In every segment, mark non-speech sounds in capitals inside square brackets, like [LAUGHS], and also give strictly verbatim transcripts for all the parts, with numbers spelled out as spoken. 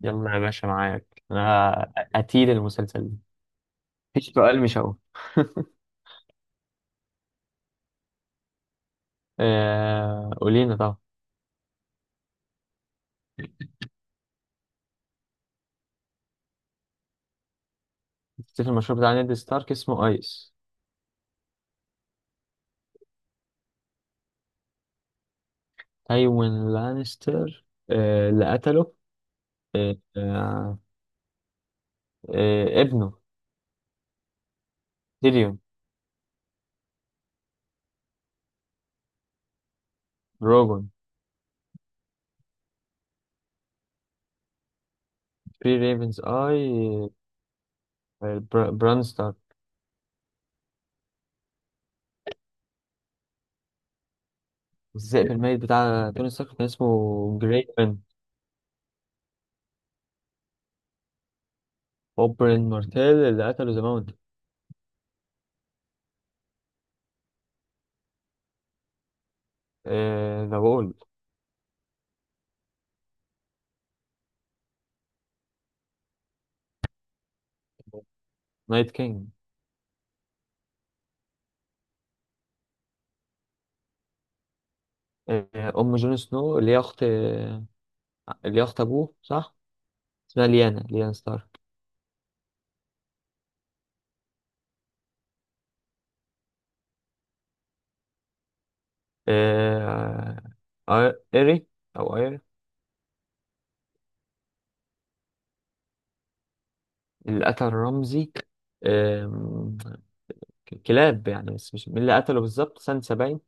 يلا يا باشا، معاك. انا قتيل المسلسل ده. مفيش سؤال مش هقول. [LAUGHS] آه، قولينا طبعا. تفتكر المشروع بتاع نيد ستارك اسمه ايس. تايوين لانستر. آه، اللي قتله آه، آه، آه، ابنه. تيريون. روجون. بري ريفنز اي. آه، برا- بران ستارك. الذئب الميت بتاع توني ستارك كان اسمه جريفن. اوبرين مارتيل اللي قتله ذا ماونت. ذا وول. نايت كينج. آه، ام جون سنو اللي هي اخت آه، اللي هي اخت ابوه صح. اسمها ليانا ليانا ستارك. آه، آه، ايري او ايري. اللي قتل رمزي، آم، ك- كلاب يعني، بس مش مين اللي قتله بالظبط. سانسا باين.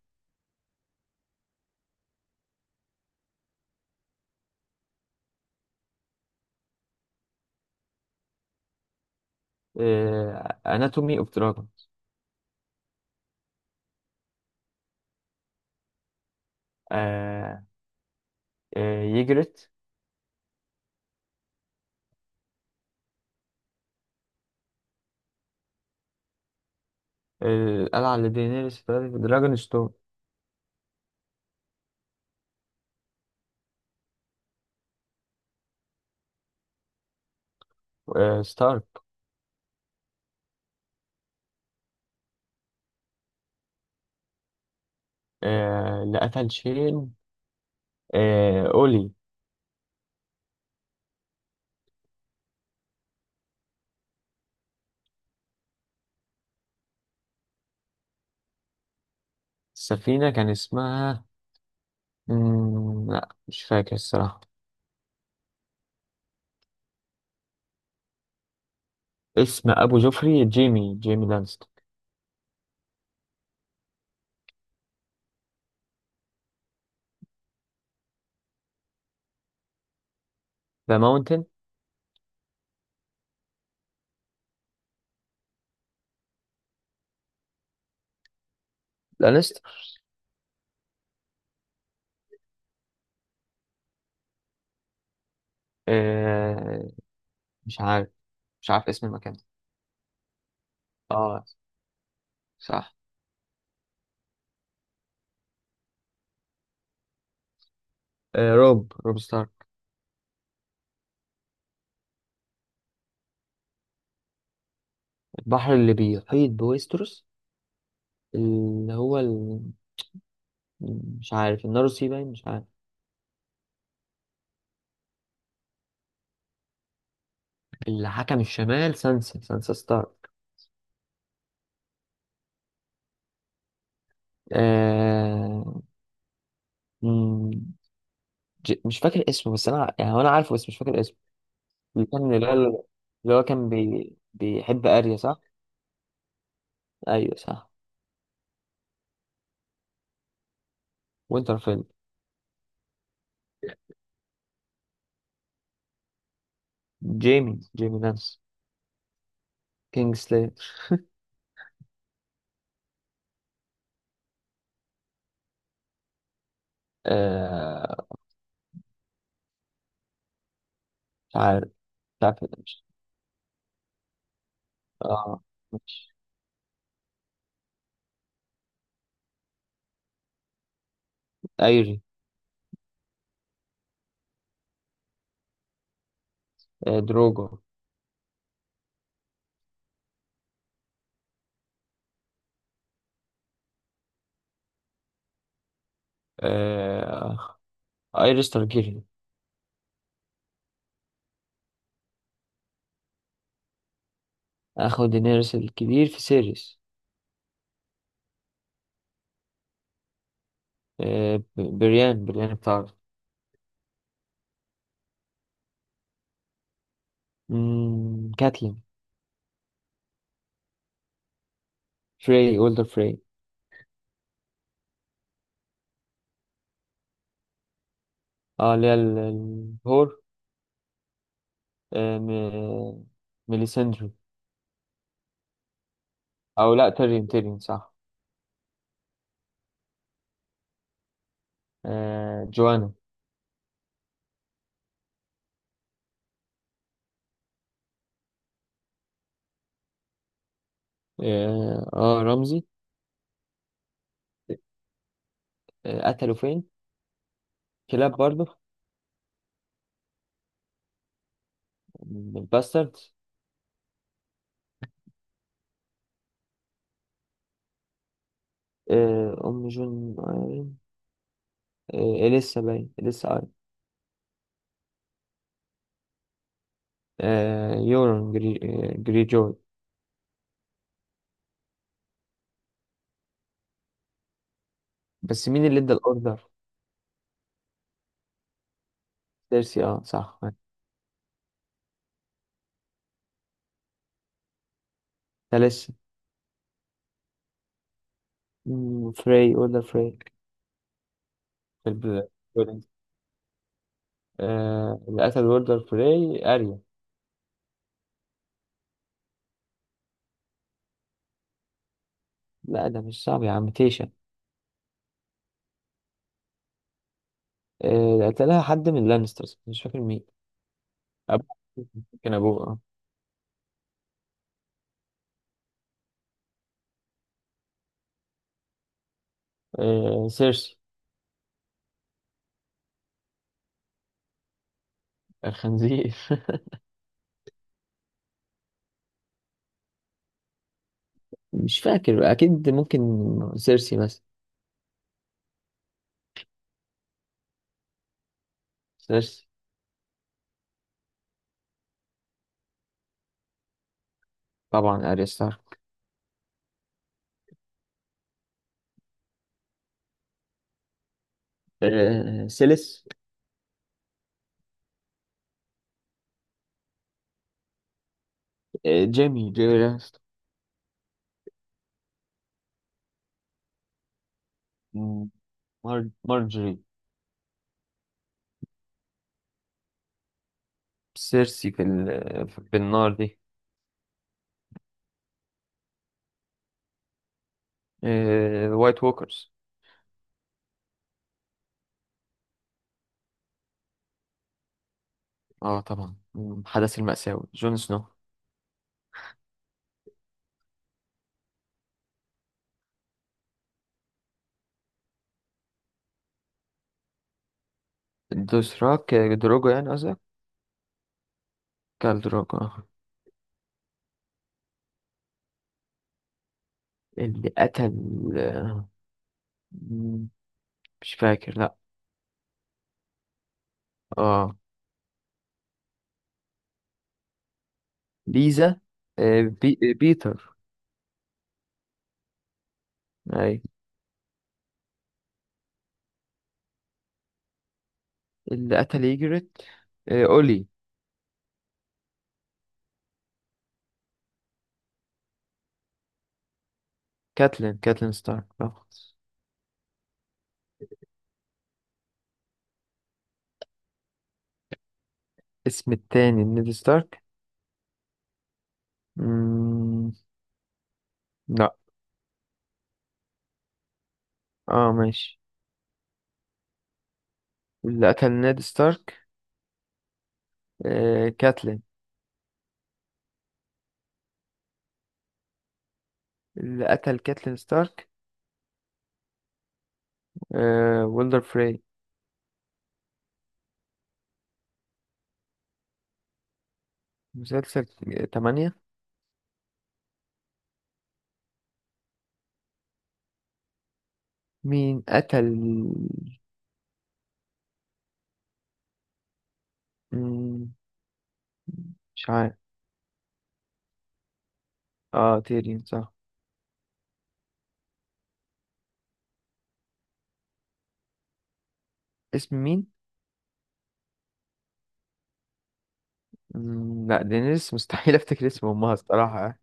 اناتومي اوف دراجون. يجرت. آه، القلعه اللي دينيريس اتولدت في دراجون ستون. آه، ستارك. آه، اللي قتل شين آه، اولي. السفينه كان اسمها. مم، لا، مش فاكر الصراحة. اسم أبو جوفري جيمي جيمي لانستر. ذا ماونتن. لانستر. آه مش عارف مش عارف اسم المكان. اه صح. آه روب روب ستارك. البحر اللي بيحيط بويستروس، اللي هو ال... مش عارف. الناروسي باين. مش عارف. اللي حكم الشمال، سانسا سانسا ستارك. آه... مم، ج... مش فاكر اسمه، بس أنا يعني هو أنا عارفه بس مش فاكر اسمه. اللي كان اللي هو اللي هو كان بي... بيحب أريا، صح؟ أيوه صح. وينترفيل. جيمي جيمي لانس. كينج سليتر. آه مش عارف مش عارف. مش- اه، مش. ايري. آه دروجو. آه ايريس تارجيريان. اخو دينيريس الكبير في سيريس. آه ب- بريان بريان بتاعه. مم، كاتلين. فري اولدر فري. اه، اللي هي ال- الهور. آه م- ميليسندري. او لا، تيرين تيرين صح. آه جوانا. اه، آه رمزي. آه قتلوا فين. كلاب برضه. باسترد. آه، أم جون آيرين. آه، إليسا باين إليسا آيرين. آه، يورون جري... آه، جري جوي. بس مين اللي ادى الأوردر؟ ديرسي، اه صح. تاليسا. مم، فري أوردر فري. في الب- آه، اللي قتل أوردر فري أريا. لا، ده مش صعب يا عم، تيشا. آه، ده قتلها حد من لانسترز، مش فاكر مين. أبوه. كان أبوه، اه. آه، سيرسي. الخنزير. [LAUGHS] مش فاكر أكيد، ممكن سيرسي بس. سيرسي. طبعا اريا ستارك. آه، سيليس. آه، جيمي جيمي لانستر. مم، مار... مارجري. سيرسي في ال... في النار دي. آه، وايت ووكرز. اه طبعا، مم، حدث المأساوي جون سنو. دوسراك، آه، دروجو يعني قصدك. كال دروجو آه. اللي قتل، آه، مم، مش فاكر، لا. اه. ليزا. آه، بي... آه، بيتر. اي. اللي قتل يجرت، آه، اولي. كاتلين كاتلين ستارك آه. اسم التاني نيد ستارك. مم... لا. اه، ماشي. اللي قتل نيد ستارك. آه... كاتلين. اللي قتل كاتلين ستارك. آه... ويلدر فري. مسلسل تمانية. مين قتل. مم... مش عارف. اه تيرين صح. اسم مين؟ مم... لا، دينيس مستحيل [LAUGHS] افتكر اسم امها الصراحة.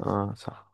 اه صح.